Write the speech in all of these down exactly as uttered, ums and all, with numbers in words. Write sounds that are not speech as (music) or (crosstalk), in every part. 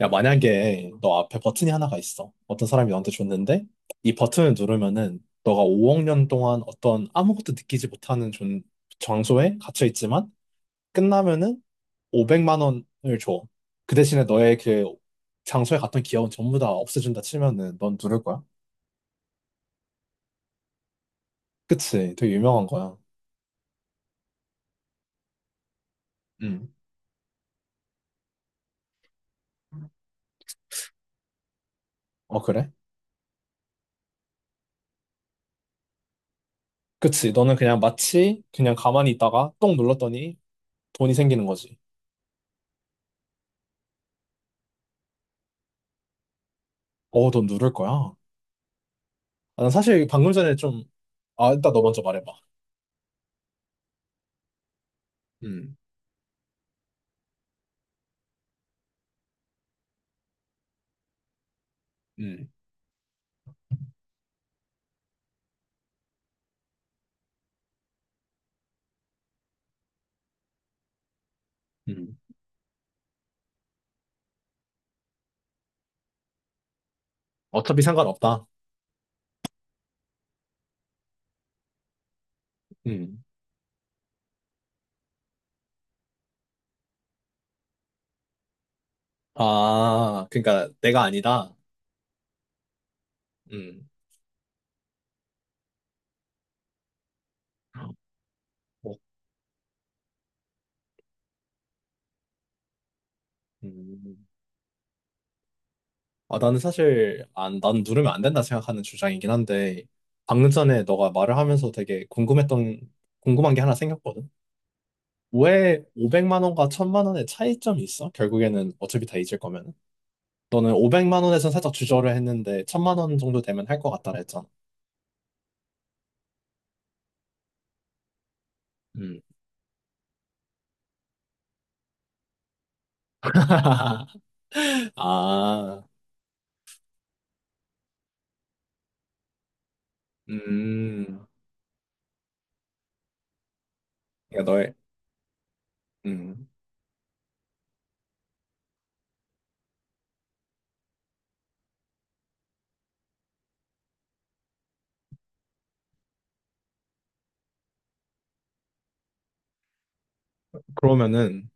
야, 만약에 너 앞에 버튼이 하나가 있어. 어떤 사람이 너한테 줬는데, 이 버튼을 누르면은 너가 오억 년 동안 어떤 아무것도 느끼지 못하는 존, 장소에 갇혀 있지만, 끝나면은 오백만 원을 줘. 그 대신에 너의 그 장소에 갔던 기억은 전부 다 없애준다 치면은 넌 누를 거야. 그치? 되게 유명한 거야. 음. 어, 그래? 그치? 너는 그냥 마치 그냥 가만히 있다가 똥 눌렀더니 돈이 생기는 거지. 어, 넌 누를 거야. 아, 난 사실 방금 전에 좀, 아, 일단 너 먼저 말해봐. 음, 음, 음. 어차피 상관없다. 음. 아, 그러니까 내가 아니다. 음. 뭐, 음. 아, 나는 사실, 안, 난 누르면 안 된다 생각하는 주장이긴 한데, 방금 전에 너가 말을 하면서 되게 궁금했던, 궁금한 게 하나 생겼거든. 왜 오백만 원과 천만 원의 차이점이 있어? 결국에는 어차피 다 잊을 거면. 너는 오백만 원에선 살짝 주저를 했는데, 천만 원 정도 되면 할 것 같다 했잖아. 음. (laughs) 아, 음, 야, 너의, 음, 그러면은,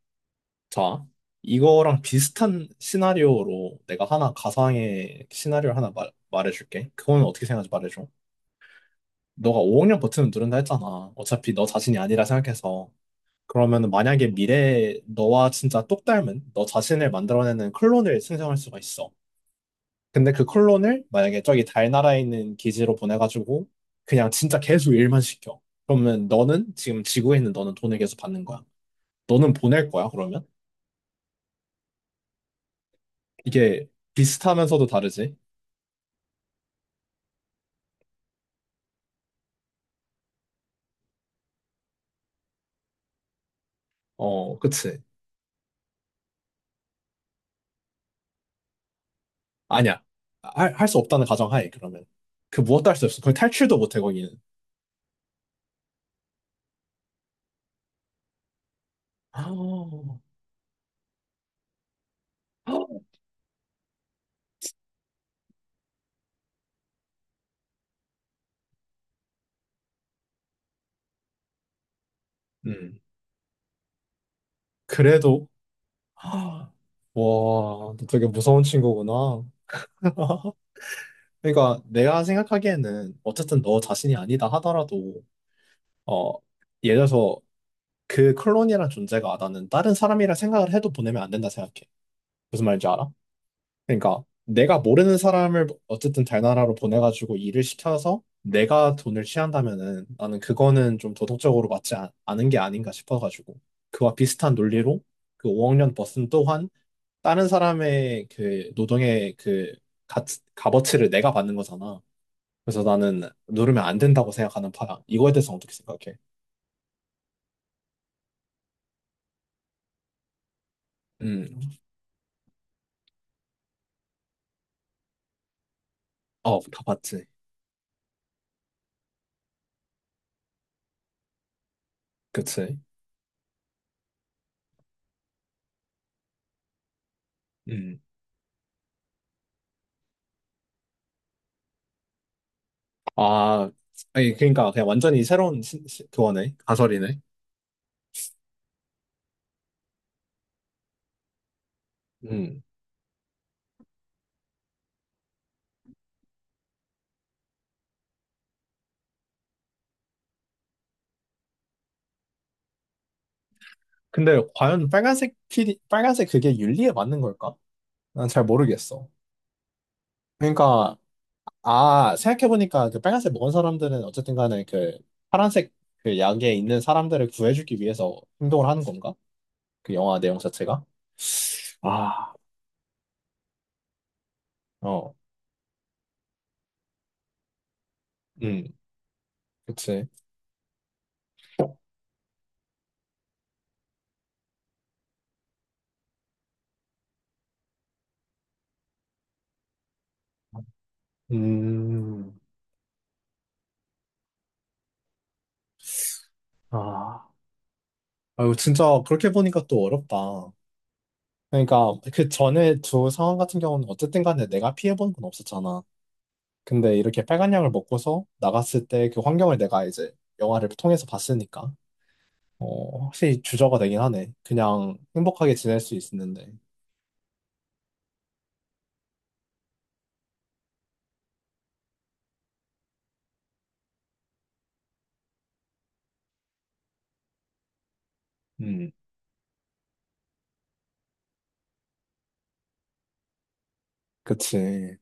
자, 이거랑 비슷한 시나리오로 내가 하나, 가상의 시나리오를 하나 말, 말해줄게. 그거는 어떻게 생각하지 말해줘. 너가 오억 년 버튼을 누른다 했잖아. 어차피 너 자신이 아니라 생각해서. 그러면은 만약에 미래에 너와 진짜 똑 닮은 너 자신을 만들어내는 클론을 생성할 수가 있어. 근데 그 콜론을 만약에 저기 달나라에 있는 기지로 보내가지고 그냥 진짜 계속 일만 시켜. 그러면 너는 지금 지구에 있는 너는 돈을 계속 받는 거야. 너는 보낼 거야, 그러면? 이게 비슷하면서도 다르지? 어, 그치. 아니야. 할, 할 수 없다는 가정하에, 그러면. 그 무엇도 할 수 없어. 거기 탈출도 못해, 거기는. (gasps) 아, 음. 그래도, (gasps) 아, 와, 너 되게 무서운 친구구나. (laughs) 그러니까 내가 생각하기에는 어쨌든 너 자신이 아니다 하더라도 어, 예를 들어서 그 콜론이라는 존재가 나는 다른 사람이라 생각을 해도 보내면 안 된다 생각해. 무슨 말인지 알아? 그러니까 내가 모르는 사람을 어쨌든 달나라로 보내가지고 일을 시켜서 내가 돈을 취한다면은 나는 그거는 좀 도덕적으로 맞지 않, 은게 아닌가 싶어가지고 그와 비슷한 논리로 그 오억 년 버슨 또한 다른 사람의 그 노동의 그 가, 값어치를 내가 받는 거잖아. 그래서 나는 누르면 안 된다고 생각하는 파야. 이거에 대해서 어떻게 생각해? 음, 어, 다 봤지. 그치. 음. 아, 아니, 그러니까 그냥 완전히 새로운 시, 시- 그거네. 가설이네. 음. 근데 과연 빨간색 필이, 빨간색 그게 윤리에 맞는 걸까? 난 잘 모르겠어. 그러니까, 아, 생각해보니까 그 빨간색 먹은 사람들은 어쨌든 간에 그 파란색 그 약에 있는 사람들을 구해주기 위해서 행동을 하는 건가? 그 영화 내용 자체가? 아, 어, 음, 그치. 음, 아, 아유, 진짜 그렇게 보니까 또 어렵다. 그러니까 그 전에 두 상황 같은 경우는 어쨌든 간에 내가 피해본 건 없었잖아. 근데 이렇게 빨간약을 먹고서 나갔을 때 그 환경을 내가 이제 영화를 통해서 봤으니까 어, 확실히 주저가 되긴 하네. 그냥 행복하게 지낼 수 있었는데. 음, 그치.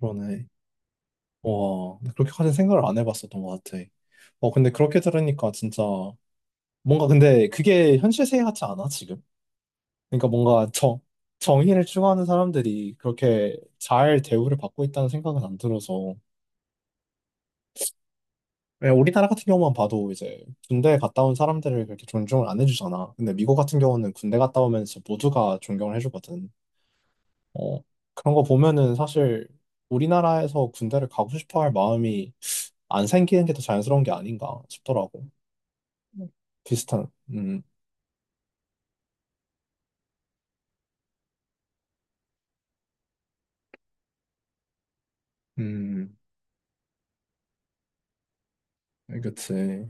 그러네. 와, 그렇게까지 생각을 안 해봤었던 것 같아. 어, 근데 그렇게 들으니까 진짜 뭔가 근데 그게 현실 세계 같지 않아, 지금? 그러니까 뭔가 정, 정의를 추구하는 사람들이 그렇게 잘 대우를 받고 있다는 생각은 안 들어서 왜 우리나라 같은 경우만 봐도 이제 군대 갔다 온 사람들을 그렇게 존중을 안 해주잖아. 근데 미국 같은 경우는 군대 갔다 오면서 모두가 존경을 해주거든. 어, 그런 거 보면은 사실 우리나라에서 군대를 가고 싶어 할 마음이 안 생기는 게 더 자연스러운 게 아닌가 싶더라고. 네. 비슷한, 음, 음, 그치,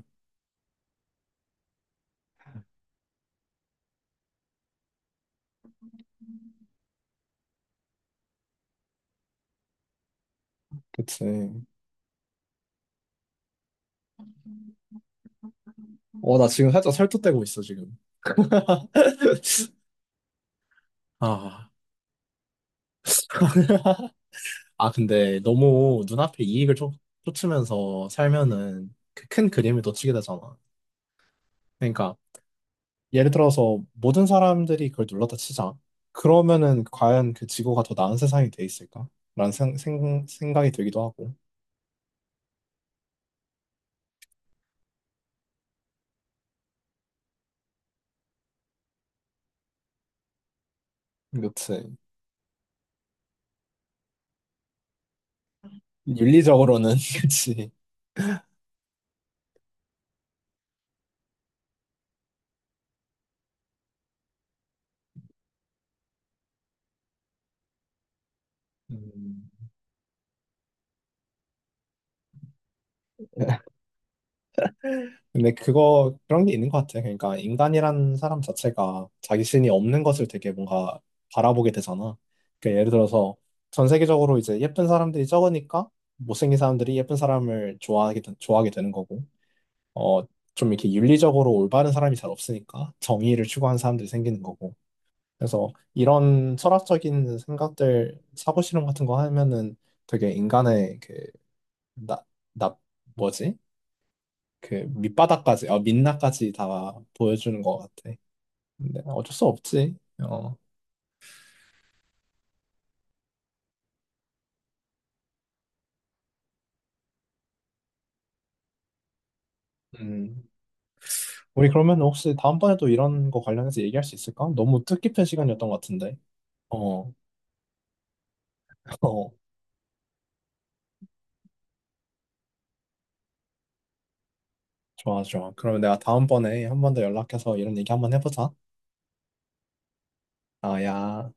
그치. 어, 나 지금 살짝 설득되고 있어, 지금. (laughs) 아. 아, 근데 너무 눈앞에 이익을 쫓, 쫓으면서 살면은 그 큰 그림을 놓치게 되잖아. 그러니까 예를 들어서 모든 사람들이 그걸 눌렀다 치자. 그러면은 과연 그 지구가 더 나은 세상이 돼 있을까? 라는 생, 생, 생각이 들기도 하고. 그치. 윤리적으로는, (laughs) 그치. 음, 근데 그거 그런 게 있는 것 같아. 그러니까 인간이란 사람 자체가 자기 신이 없는 것을 되게 뭔가 바라보게 되잖아. 그러니까 예를 들어서 전 세계적으로 이제 예쁜 사람들이 적으니까 못생긴 사람들이 예쁜 사람을 좋아하게 되- 좋아하게 되는 거고, 어, 좀 이렇게 윤리적으로 올바른 사람이 잘 없으니까 정의를 추구하는 사람들이 생기는 거고. 그래서 이런 철학적인 생각들 사고 실험 같은 거 하면은 되게 인간의 그 나, 나 뭐지? 그 밑바닥까지, 어, 민낯까지 다 보여주는 것 같아. 근데 어쩔 수 없지. 어, 음. 우리 그러면 혹시 다음번에도 이런 거 관련해서 얘기할 수 있을까? 너무 뜻깊은 시간이었던 것 같은데. 어, (laughs) 어, 좋아, 좋아. 그러면 내가 다음번에 한 번 더 연락해서 이런 얘기 한번 해보자. 아, 야.